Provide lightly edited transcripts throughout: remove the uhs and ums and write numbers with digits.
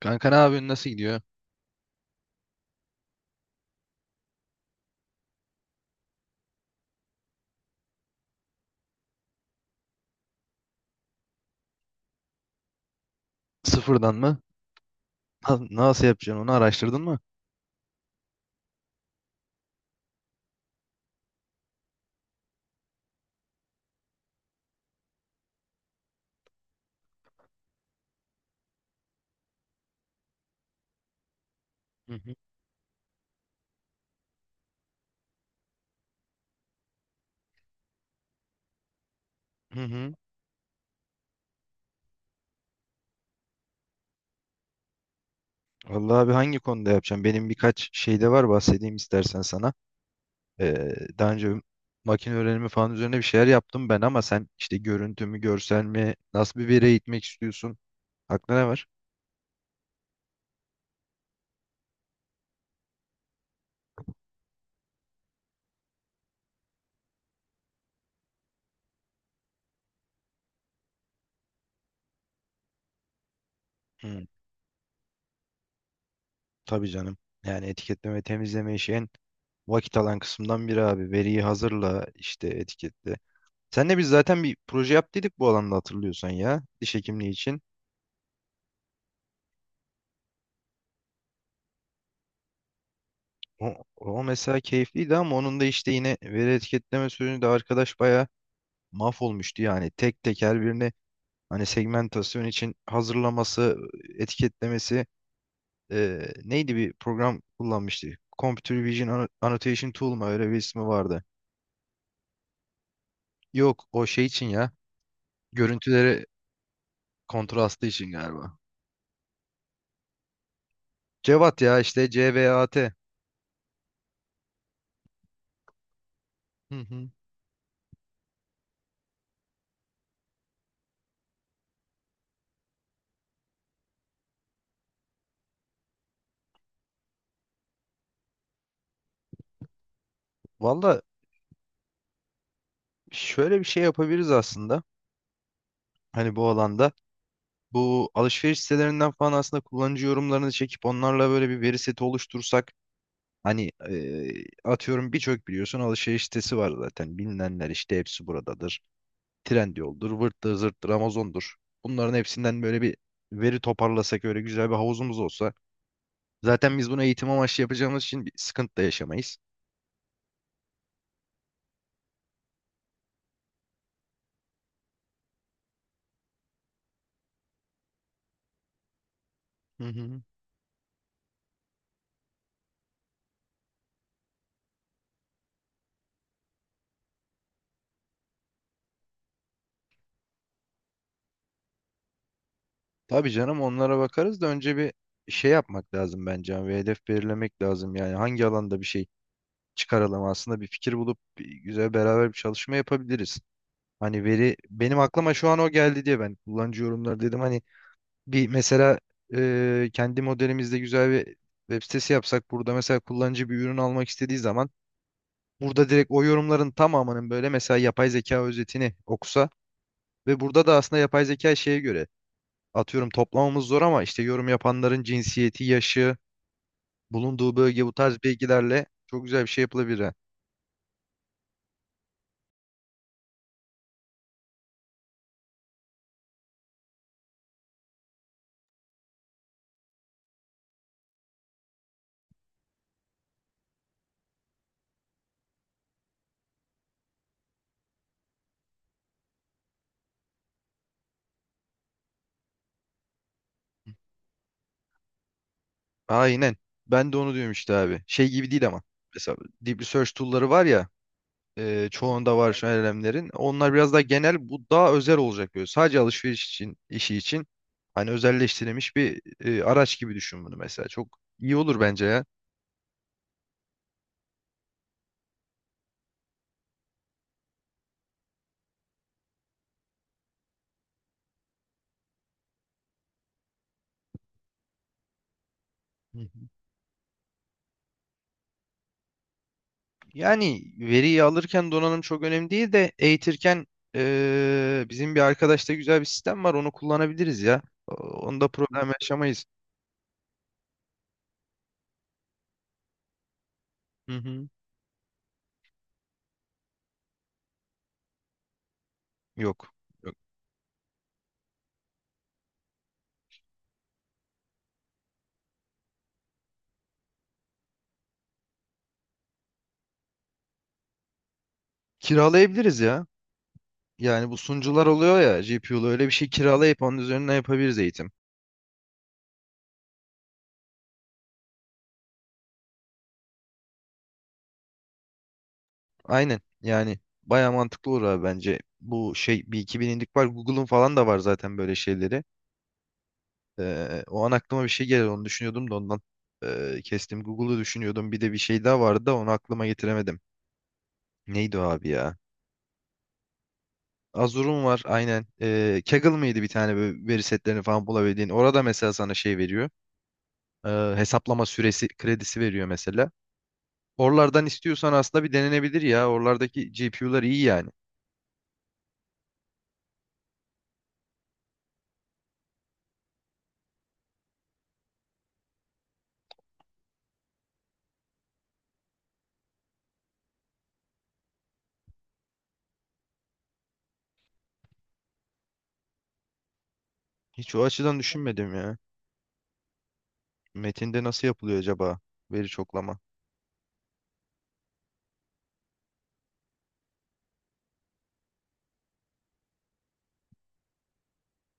Kanka ne yapıyorsun? Nasıl gidiyor? Sıfırdan mı? Nasıl yapacaksın onu araştırdın mı? Hı hı. Hı hı. Vallahi abi hangi konuda yapacağım? Benim birkaç şey de var bahsedeyim istersen sana. Daha önce makine öğrenimi falan üzerine bir şeyler yaptım ben ama sen işte görüntü mü, görsel mi, nasıl bir veri eğitmek istiyorsun? Aklına ne var? Hı. Tabii canım. Yani etiketleme, ve temizleme işi en vakit alan kısımdan biri abi. Veriyi hazırla işte etiketle. Senle biz zaten bir proje yaptıydık bu alanda hatırlıyorsan ya. Diş hekimliği için. O mesela keyifliydi ama onun da işte yine veri etiketleme sürümünde arkadaş bayağı mahvolmuştu yani. Tek tek her birini hani segmentasyon için hazırlaması, etiketlemesi neydi bir program kullanmıştı. Computer Vision Annotation Tool mu öyle bir ismi vardı. Yok o şey için ya. Görüntüleri kontrastı için galiba. Cevat ya işte CVAT. Hı hı. Valla şöyle bir şey yapabiliriz aslında. Hani bu alanda. Bu alışveriş sitelerinden falan aslında kullanıcı yorumlarını çekip onlarla böyle bir veri seti oluştursak hani atıyorum birçok biliyorsun alışveriş sitesi var zaten bilinenler işte hepsi buradadır. Trendyol'dur, vırttır, zırttır, Amazon'dur. Bunların hepsinden böyle bir veri toparlasak öyle güzel bir havuzumuz olsa zaten biz bunu eğitim amaçlı yapacağımız için bir sıkıntı da yaşamayız. Hı hı. Tabii canım onlara bakarız da önce bir şey yapmak lazım bence ve hedef belirlemek lazım yani hangi alanda bir şey çıkaralım aslında bir fikir bulup bir güzel beraber bir çalışma yapabiliriz. Hani veri benim aklıma şu an o geldi diye ben kullanıcı yorumları dedim. Hani bir mesela kendi modelimizde güzel bir web sitesi yapsak burada mesela kullanıcı bir ürün almak istediği zaman burada direkt o yorumların tamamının böyle mesela yapay zeka özetini okusa ve burada da aslında yapay zeka şeye göre atıyorum toplamamız zor ama işte yorum yapanların cinsiyeti, yaşı, bulunduğu bölge bu tarz bilgilerle çok güzel bir şey yapılabilir. Aynen. Ben de onu diyorum işte abi. Şey gibi değil ama. Mesela Deep Research tool'ları var ya, çoğunda var şu an LLM'lerin. Onlar biraz daha genel. Bu daha özel olacak böyle. Sadece alışveriş için, işi için hani özelleştirilmiş bir araç gibi düşün bunu mesela. Çok iyi olur bence ya. Hı hı. Yani veriyi alırken donanım çok önemli değil de eğitirken bizim bir arkadaşta güzel bir sistem var. Onu kullanabiliriz ya. Onda problem yaşamayız. Hı hı. Yok. Yok. Kiralayabiliriz ya. Yani bu sunucular oluyor ya GPU'lu öyle bir şey kiralayıp onun üzerinden yapabiliriz eğitim. Aynen yani baya mantıklı olur abi bence. Bu şey bir 2000'lik var, Google'un falan da var zaten böyle şeyleri. O an aklıma bir şey gelir onu düşünüyordum da ondan kestim. Google'u düşünüyordum bir de bir şey daha vardı da onu aklıma getiremedim. Neydi o abi ya? Azure'un var aynen. Kaggle mıydı bir tane böyle veri setlerini falan bulabildiğin. Orada mesela sana şey veriyor. Hesaplama süresi kredisi veriyor mesela. Oralardan istiyorsan aslında bir denenebilir ya. Oralardaki GPU'lar iyi yani. Hiç o açıdan düşünmedim ya. Metinde nasıl yapılıyor acaba veri çoklama?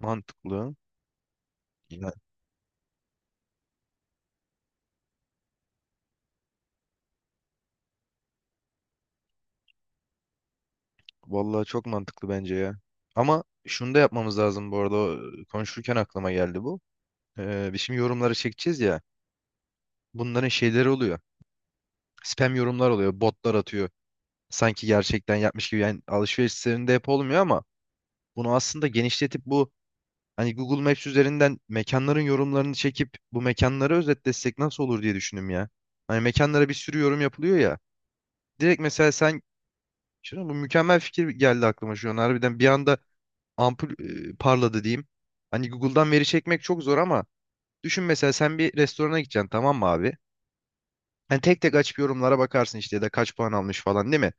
Mantıklı. Ya, vallahi çok mantıklı bence ya. Ama şunu da yapmamız lazım bu arada. Konuşurken aklıma geldi bu. Biz şimdi yorumları çekeceğiz ya. Bunların şeyleri oluyor. Spam yorumlar oluyor. Botlar atıyor. Sanki gerçekten yapmış gibi. Yani alışveriş sitelerinde hep olmuyor ama bunu aslında genişletip bu hani Google Maps üzerinden mekanların yorumlarını çekip bu mekanları özetlesek nasıl olur diye düşündüm ya. Hani mekanlara bir sürü yorum yapılıyor ya. Direkt mesela sen şuna, bu mükemmel fikir geldi aklıma şu an. Harbiden bir anda ampul parladı diyeyim. Hani Google'dan veri çekmek çok zor ama düşün mesela sen bir restorana gideceksin, tamam mı abi? Hani tek tek açıp yorumlara bakarsın işte ya da kaç puan almış falan, değil mi?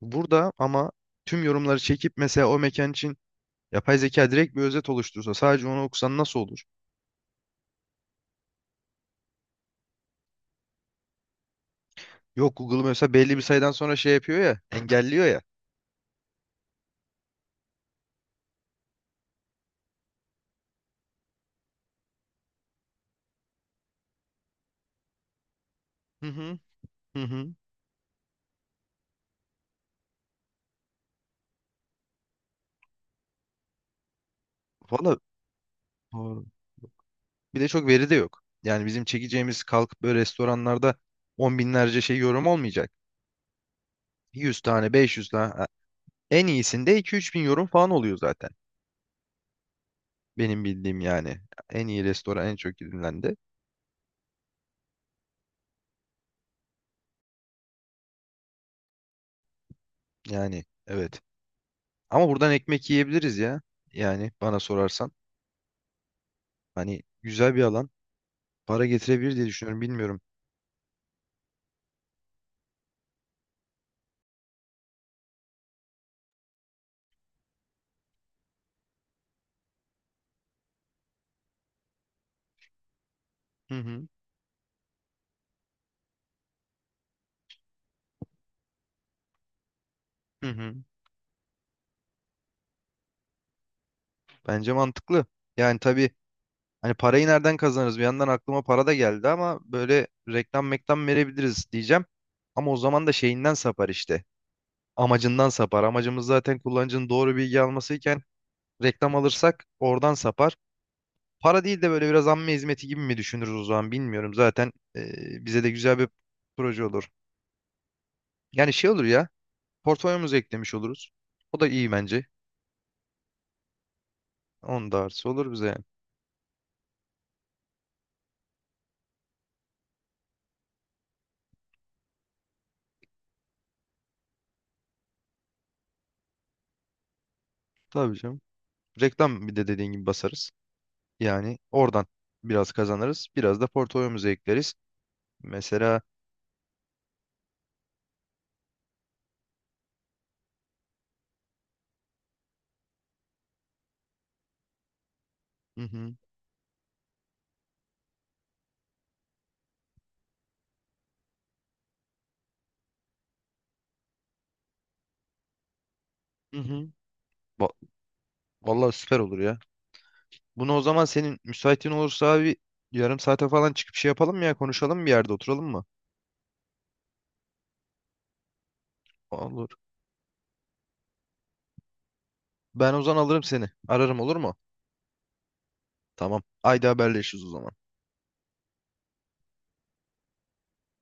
Burada ama tüm yorumları çekip mesela o mekan için yapay zeka direkt bir özet oluştursa sadece onu okusan nasıl olur? Yok Google mesela belli bir sayıdan sonra şey yapıyor ya, engelliyor ya. Hı hı, hı hı. Valla doğru. Bir de çok veri de yok. Yani bizim çekeceğimiz kalkıp böyle restoranlarda on binlerce şey yorum olmayacak. 100 tane, 500 tane. Ha, en iyisinde 2-3 bin yorum falan oluyor zaten. Benim bildiğim yani. En iyi restoran en çok gidilendi. Yani evet. Ama buradan ekmek yiyebiliriz ya. Yani bana sorarsan. Hani güzel bir alan. Para getirebilir diye düşünüyorum. Bilmiyorum. Hı hı. Hı hı. Bence mantıklı. Yani tabii, hani parayı nereden kazanırız? Bir yandan aklıma para da geldi ama böyle reklam meklam verebiliriz diyeceğim. Ama o zaman da şeyinden sapar işte. Amacından sapar. Amacımız zaten kullanıcının doğru bilgi almasıyken reklam alırsak oradan sapar. Para değil de böyle biraz amme hizmeti gibi mi düşünürüz o zaman bilmiyorum. Zaten bize de güzel bir proje olur. Yani şey olur ya, portfolyomuza eklemiş oluruz. O da iyi bence. Onun da artısı olur bize yani. Tabii canım. Reklam bir de dediğin gibi basarız. Yani oradan biraz kazanırız. Biraz da portfolyomuza ekleriz. Mesela hı hı, hı hı. Va- Vallahi süper olur ya. Bunu o zaman senin müsaitin olursa abi yarım saate falan çıkıp şey yapalım mı ya, konuşalım bir yerde oturalım mı? Olur. Ben o zaman alırım seni. Ararım, olur mu? Tamam. Haydi haberleşiriz o zaman.